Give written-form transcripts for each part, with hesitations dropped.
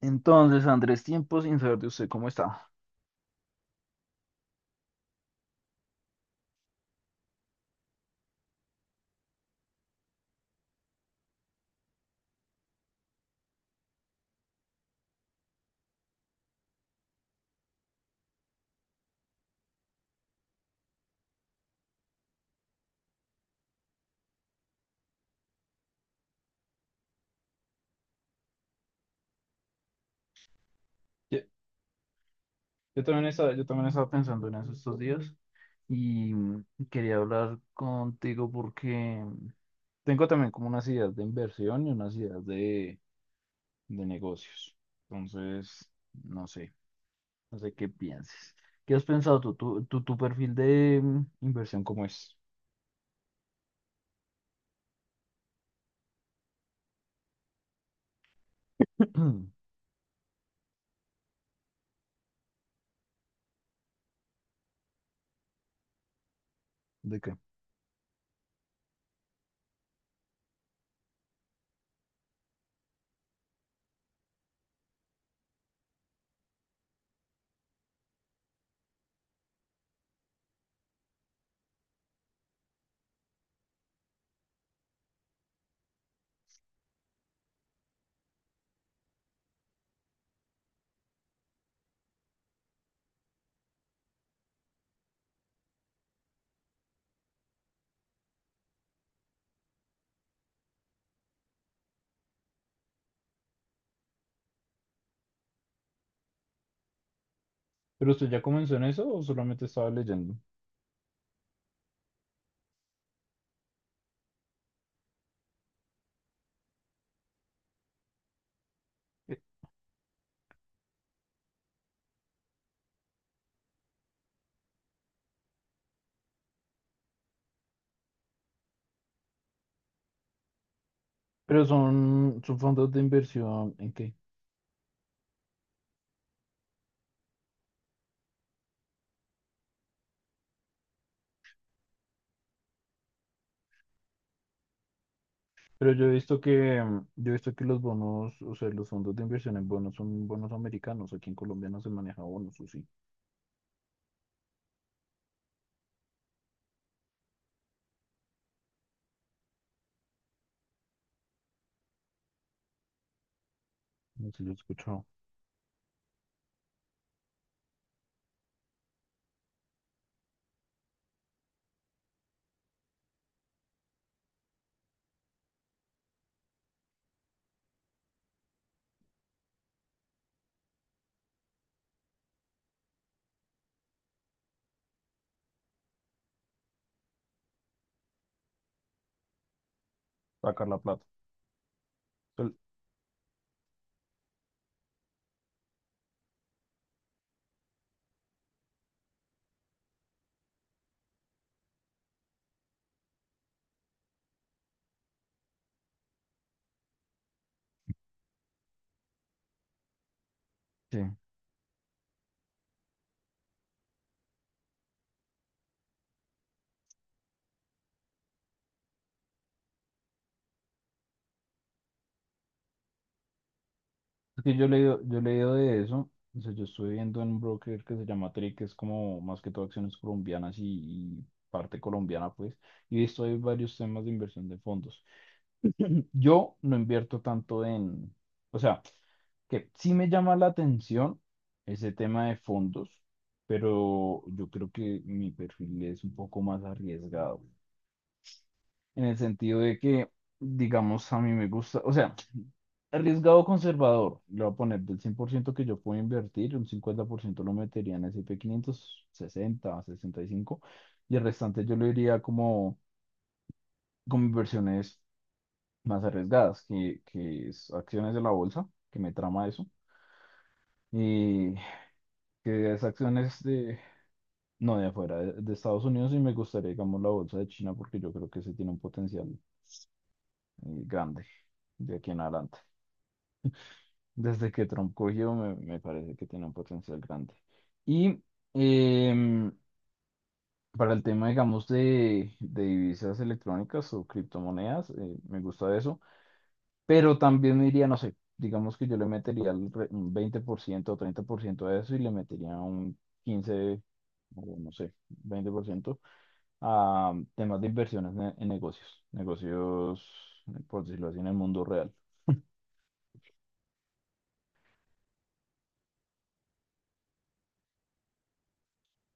Entonces, Andrés, tiempo sin saber de usted, ¿cómo está? Yo, yo también estaba pensando en eso estos días y quería hablar contigo porque tengo también como unas ideas de inversión y unas ideas de negocios. Entonces, no sé, no sé qué pienses. ¿Qué has pensado tú? ¿Tu perfil de inversión cómo es? ¿De qué? ¿Pero usted ya comenzó en eso o solamente estaba leyendo? Eh, ¿Pero son fondos de inversión en qué? Pero yo he visto que los bonos, o sea, los fondos de inversión en bonos son bonos americanos. Aquí en Colombia no se maneja bonos, o sí. No sé, yo he escuchado sacar la plata. Pero- sí. Es que yo he leído de eso. O sea, yo estoy viendo en un broker que se llama Trade, que es como más que todo acciones colombianas y parte colombiana, pues. Y he visto ahí varios temas de inversión de fondos. Yo no invierto tanto en, o sea, que sí me llama la atención ese tema de fondos, pero yo creo que mi perfil es un poco más arriesgado, en el sentido de que, digamos, a mí me gusta, o sea, arriesgado conservador, le voy a poner del 100% que yo puedo invertir, un 50% lo metería en S y P S&P sesenta 60, 65, y el restante yo lo diría como, como inversiones más arriesgadas, que es acciones de la bolsa, que me trama eso. Y que esas acciones de, no, de afuera, de Estados Unidos y me gustaría, digamos, la bolsa de China porque yo creo que ese tiene un potencial grande de aquí en adelante. Desde que Trump cogió, me parece que tiene un potencial grande. Y em, para el tema, digamos, de divisas electrónicas o criptomonedas, me gusta eso, pero también me iría, no sé, digamos que yo le metería un 20% o 30% de eso y le metería un 15 o no sé, 20% a temas de inversiones en negocios, negocios, por decirlo así, en el mundo real.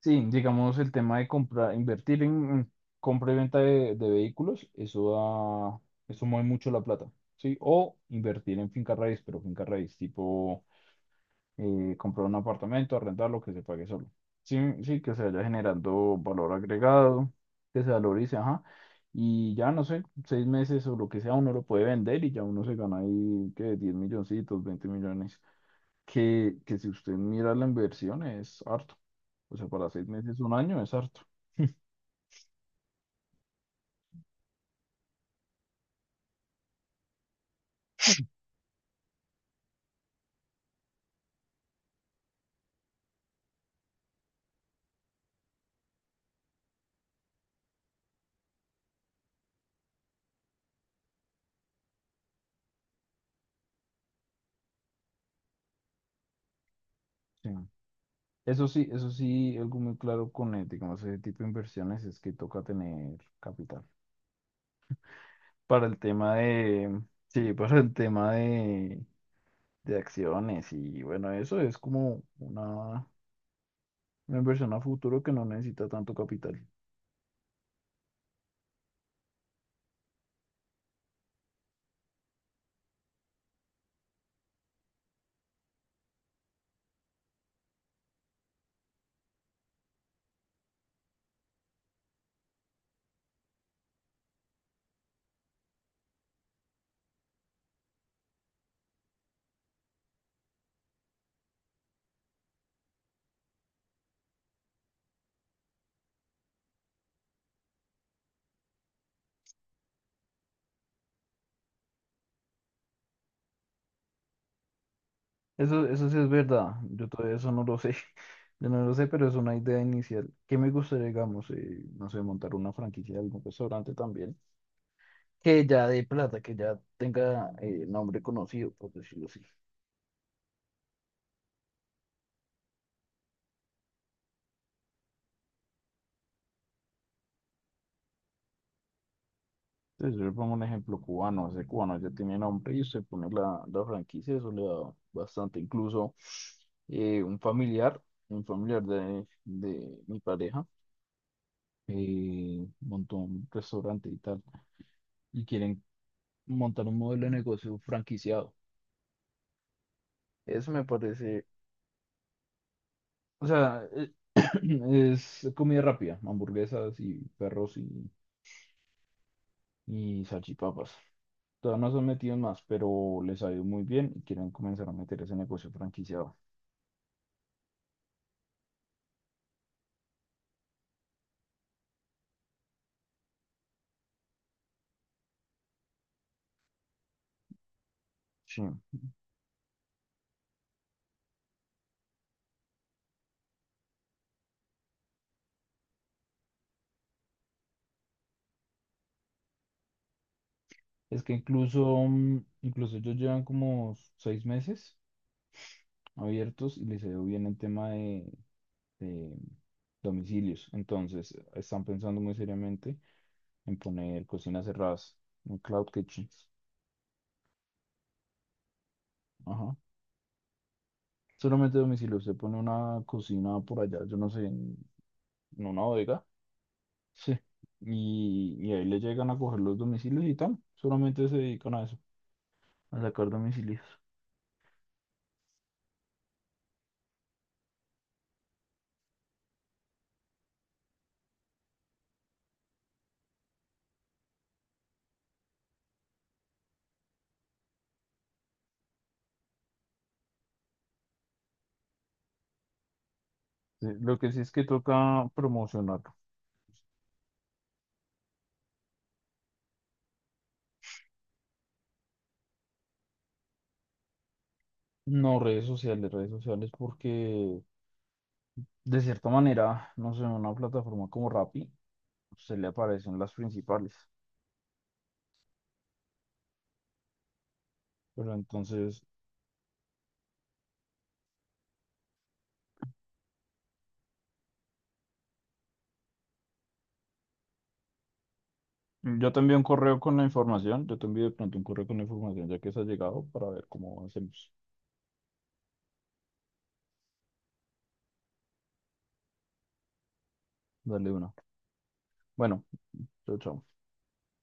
Sí, digamos el tema de comprar, invertir en compra y venta de vehículos, eso da, eso mueve mucho la plata, ¿sí? O invertir en finca raíz, pero finca raíz tipo comprar un apartamento, arrendarlo, que se pague solo. Sí, sí, que se vaya generando valor agregado, que se valorice, ajá. Y ya no sé, 6 meses o lo que sea, uno lo puede vender y ya uno se gana ahí que 10 milloncitos, 20 millones. Que si usted mira la inversión es harto. O sea, para 6 meses, un año es harto. Sí. Eso sí, algo muy claro con digamos, ese tipo de inversiones es que toca tener capital. Para el tema de, Sí, para el tema de acciones y bueno, eso es como una inversión a futuro que no necesita tanto capital. Eso sí es verdad, yo todavía eso no lo sé, yo no lo sé, pero es una idea inicial. Que me gustaría, digamos, no sé, montar una franquicia de algún restaurante también, que ya dé plata, que ya tenga nombre conocido, por decirlo así. Entonces, yo le pongo un ejemplo cubano, ese cubano ya tiene nombre y usted pone la franquicia, eso le da bastante. Incluso eh, un familiar, un familiar de mi pareja, montó un restaurante y tal, y quieren montar un modelo de negocio franquiciado. Eso me parece, o sea, es comida rápida, hamburguesas y perros y salchipapas. Todavía no se han metido en más, pero les ha ido muy bien y quieren comenzar a meter ese negocio franquiciado. Sí. Es que incluso ellos llevan como 6 meses abiertos y les ha ido bien el tema de domicilios. Entonces, están pensando muy seriamente en poner cocinas cerradas, en cloud kitchens. Ajá. Solamente domicilio. Usted pone una cocina por allá, yo no sé, en una bodega. Sí. Y ahí le llegan a coger los domicilios y tal. Solamente se dedican a eso, a sacar domicilios. Sí, lo que sí es que toca promocionar. No, redes sociales, porque de cierta manera, no sé, una plataforma como Rappi, se le aparecen las principales. Pero entonces, yo te envío de pronto un correo con la información, ya que se ha llegado, para ver cómo hacemos. Dale una. Bueno, chao, chao.